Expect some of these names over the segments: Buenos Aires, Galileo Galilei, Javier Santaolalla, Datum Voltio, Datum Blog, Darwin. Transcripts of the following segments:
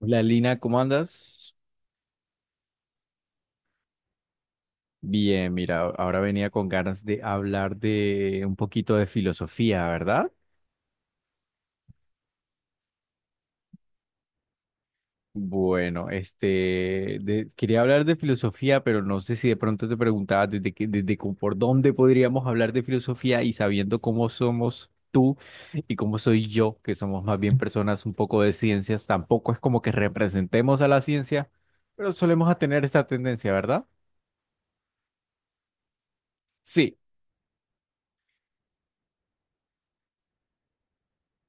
Hola Lina, ¿cómo andas? Bien, mira, ahora venía con ganas de hablar de un poquito de filosofía, ¿verdad? Bueno, quería hablar de filosofía, pero no sé si de pronto te preguntabas desde que, desde cómo- por dónde podríamos hablar de filosofía y sabiendo cómo somos tú y cómo soy yo, que somos más bien personas un poco de ciencias, tampoco es como que representemos a la ciencia, pero solemos a tener esta tendencia, ¿verdad? Sí.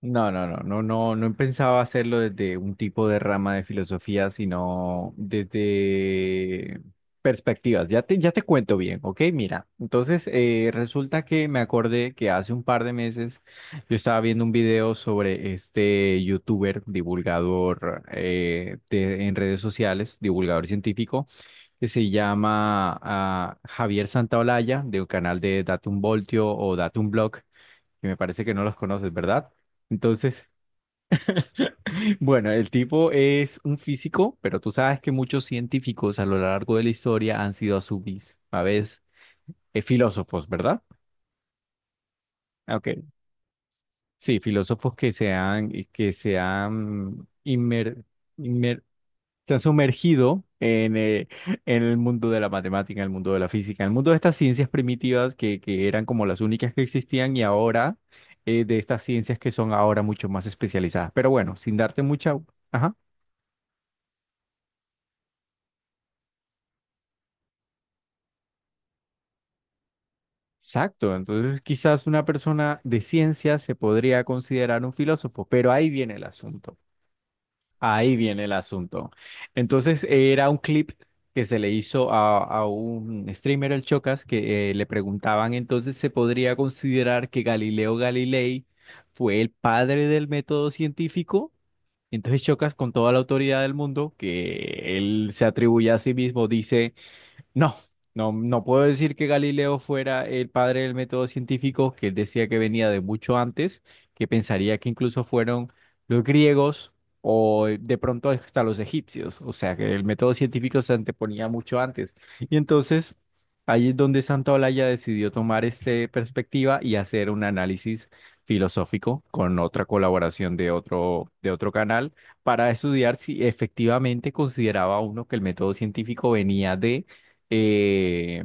No pensaba hacerlo desde un tipo de rama de filosofía, sino desde perspectivas. Ya te cuento bien, ¿ok? Mira, entonces resulta que me acordé que hace un par de meses yo estaba viendo un video sobre este youtuber, divulgador en redes sociales, divulgador científico, que se llama Javier Santaolalla, del canal de Datum Voltio o Datum Blog, que me parece que no los conoces, ¿verdad? Entonces, bueno, el tipo es un físico, pero tú sabes que muchos científicos a lo largo de la historia han sido a vez filósofos, ¿verdad? Ok, sí, filósofos que se han, inmer- se han sumergido en el mundo de la matemática, en el mundo de la física, en el mundo de estas ciencias primitivas que eran como las únicas que existían y ahora de estas ciencias que son ahora mucho más especializadas. Pero bueno, sin darte mucha... Ajá. Exacto, entonces quizás una persona de ciencia se podría considerar un filósofo, pero ahí viene el asunto, ahí viene el asunto. Entonces era un clip que se le hizo a un streamer, el Chocas, que le preguntaban entonces se podría considerar que Galileo Galilei fue el padre del método científico. Entonces Chocas, con toda la autoridad del mundo, que él se atribuye a sí mismo, dice... No, no, no puedo decir que Galileo fuera el padre del método científico, que él decía que venía de mucho antes, que pensaría que incluso fueron los griegos o de pronto hasta los egipcios, o sea que el método científico se anteponía mucho antes. Y entonces ahí es donde Santa Olaya decidió tomar esta perspectiva y hacer un análisis filosófico con otra colaboración de otro canal para estudiar si efectivamente consideraba uno que el método científico venía eh,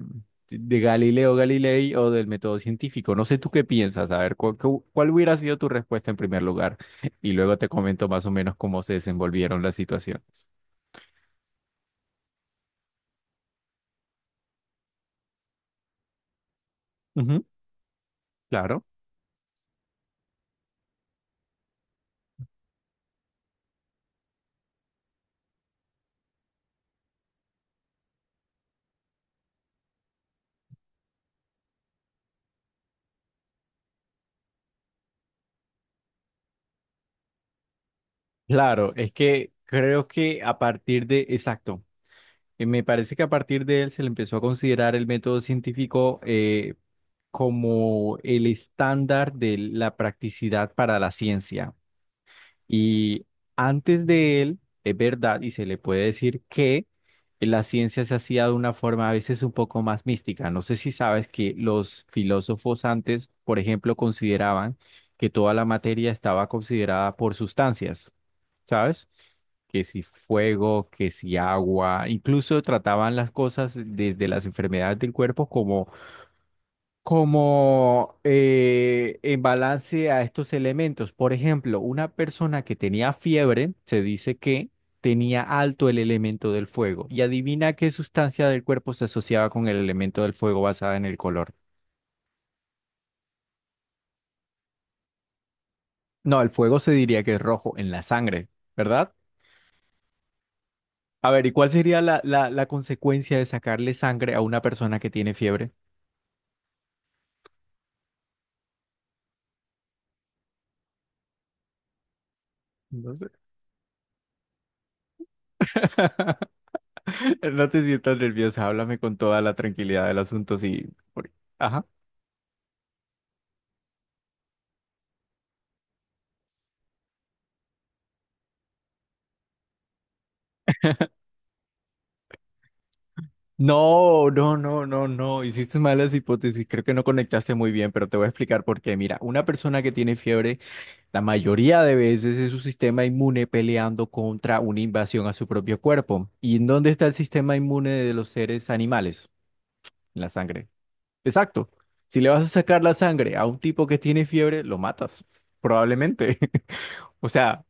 de Galileo Galilei o del método científico. No sé tú qué piensas, a ver, ¿cuál hubiera sido tu respuesta en primer lugar? Y luego te comento más o menos cómo se desenvolvieron las situaciones. Ujú, claro. Claro, es que creo que a partir de, exacto, me parece que a partir de él se le empezó a considerar el método científico como el estándar de la practicidad para la ciencia. Y antes de él, es verdad, y se le puede decir que la ciencia se hacía de una forma a veces un poco más mística. No sé si sabes que los filósofos antes, por ejemplo, consideraban que toda la materia estaba considerada por sustancias, ¿sabes? Que si fuego, que si agua, incluso trataban las cosas desde las enfermedades del cuerpo como en balance a estos elementos. Por ejemplo, una persona que tenía fiebre, se dice que tenía alto el elemento del fuego. Y adivina qué sustancia del cuerpo se asociaba con el elemento del fuego basada en el color. No, el fuego se diría que es rojo en la sangre, ¿verdad? A ver, ¿y cuál sería la consecuencia de sacarle sangre a una persona que tiene fiebre? No sé. No te sientas nerviosa, háblame con toda la tranquilidad del asunto, sí. por- Ajá. No, no. Hiciste malas hipótesis. Creo que no conectaste muy bien, pero te voy a explicar por qué. Mira, una persona que tiene fiebre, la mayoría de veces es su sistema inmune peleando contra una invasión a su propio cuerpo. ¿Y en dónde está el sistema inmune de los seres animales? En la sangre. Exacto. Si le vas a sacar la sangre a un tipo que tiene fiebre, lo matas. Probablemente. O sea,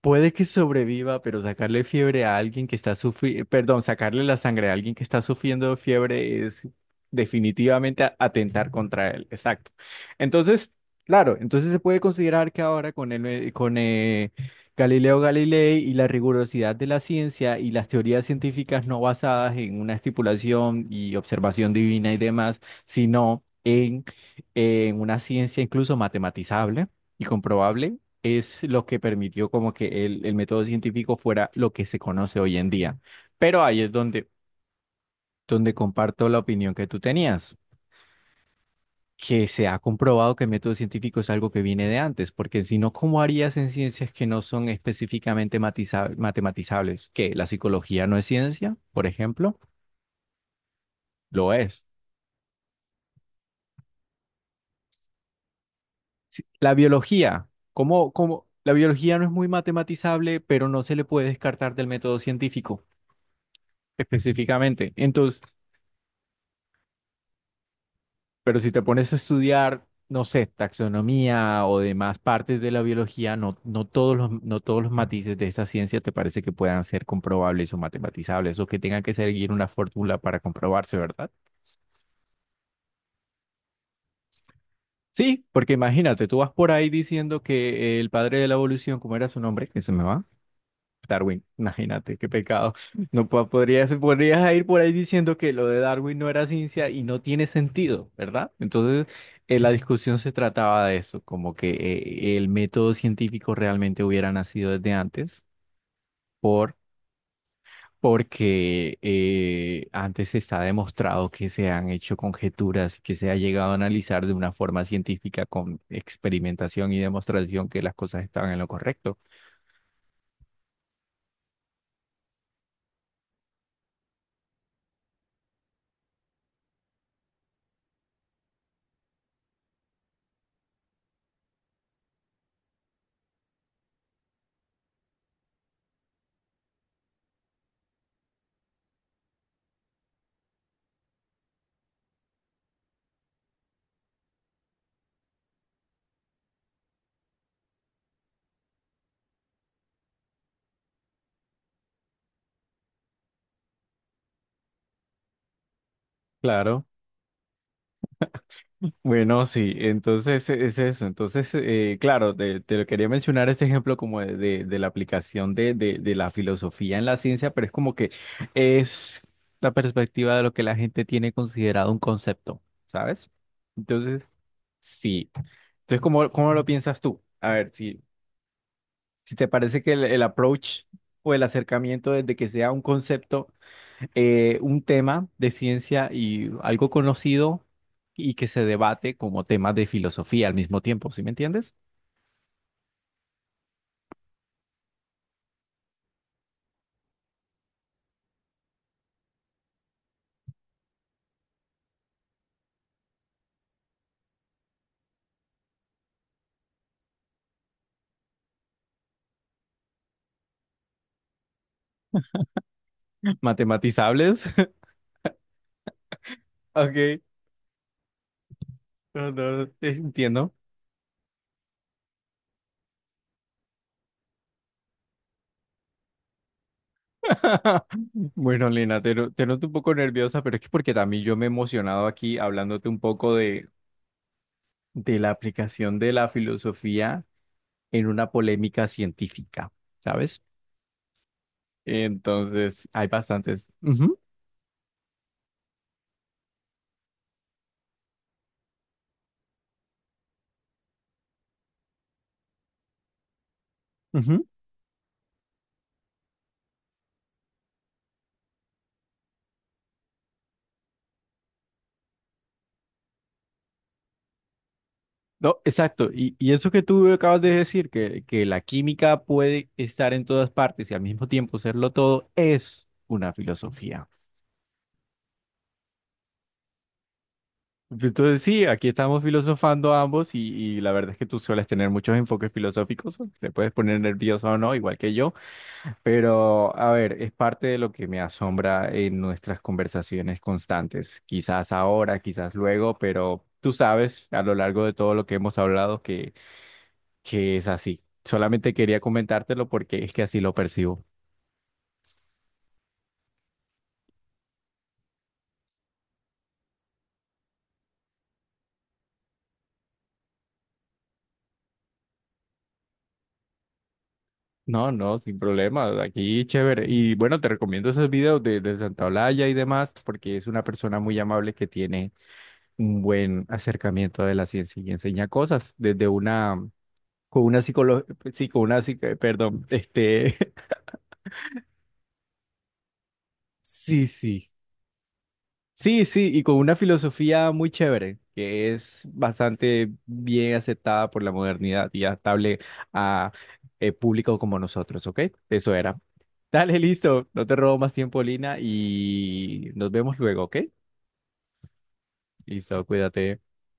puede que sobreviva, pero sacarle fiebre a alguien que está sufriendo, perdón, sacarle la sangre a alguien que está sufriendo fiebre es definitivamente atentar contra él. Exacto. Entonces, claro, entonces se puede considerar que ahora con Galileo Galilei y la rigurosidad de la ciencia y las teorías científicas no basadas en una estipulación y observación divina y demás, sino en una ciencia incluso matematizable y comprobable es lo que permitió como que el método científico fuera lo que se conoce hoy en día. Pero ahí es donde, donde comparto la opinión que tú tenías, que se ha comprobado que el método científico es algo que viene de antes, porque si no, ¿cómo harías en ciencias que no son específicamente matematizables? ¿Que la psicología no es ciencia, por ejemplo? Lo es. La biología, ¿cómo, cómo? La biología no es muy matematizable, pero no se le puede descartar del método científico específicamente. Entonces, pero si te pones a estudiar, no sé, taxonomía o demás partes de la biología, no todos los matices de esta ciencia te parece que puedan ser comprobables o matematizables o que tengan que seguir una fórmula para comprobarse, ¿verdad? Sí, porque imagínate, tú vas por ahí diciendo que el padre de la evolución, ¿cómo era su nombre? Que se me va. Darwin, imagínate, qué pecado. No po- podrías, podrías ir por ahí diciendo que lo de Darwin no era ciencia y no tiene sentido, ¿verdad? Entonces, la discusión se trataba de eso, como que el método científico realmente hubiera nacido desde antes porque antes está demostrado que se han hecho conjeturas, que se ha llegado a analizar de una forma científica con experimentación y demostración que las cosas estaban en lo correcto. Claro. Bueno, sí, entonces es eso. Entonces, claro, te lo quería mencionar este ejemplo como de la aplicación de la filosofía en la ciencia, pero es como que es la perspectiva de lo que la gente tiene considerado un concepto, ¿sabes? Entonces, sí. Entonces, ¿cómo, cómo lo piensas tú? A ver, si, si te parece que el approach o el acercamiento desde que sea un concepto un tema de ciencia y algo conocido y que se debate como temas de filosofía al mismo tiempo, ¿sí me entiendes? Matematizables. Ok, no, no, no, entiendo. Bueno, Lina, te, no- te noto un poco nerviosa, pero es que porque también yo me he emocionado aquí hablándote un poco de la aplicación de la filosofía en una polémica científica, ¿sabes? Entonces, hay bastantes. Ujú, ujú. No, exacto. Y eso que tú acabas de decir, que la química puede estar en todas partes y al mismo tiempo serlo todo, es una filosofía. Entonces, sí, aquí estamos filosofando ambos y la verdad es que tú sueles tener muchos enfoques filosóficos. Te puedes poner nervioso o no, igual que yo. Pero, a ver, es parte de lo que me asombra en nuestras conversaciones constantes. Quizás ahora, quizás luego, pero tú sabes a lo largo de todo lo que hemos hablado que es así. Solamente quería comentártelo porque es que así lo percibo. No, no, sin problema. Aquí chévere. Y bueno, te recomiendo esos videos de Santa Olaya y demás, porque es una persona muy amable que tiene un buen acercamiento de la ciencia y enseña cosas desde una, con una psicología, sí, con una perdón, este, sí, sí, sí, sí, y con una filosofía muy chévere, que es bastante bien aceptada por la modernidad y adaptable a público como nosotros, ¿ok? Eso era. Dale, listo, no te robo más tiempo, Lina, y nos vemos luego, ¿ok? Listo, cuídate.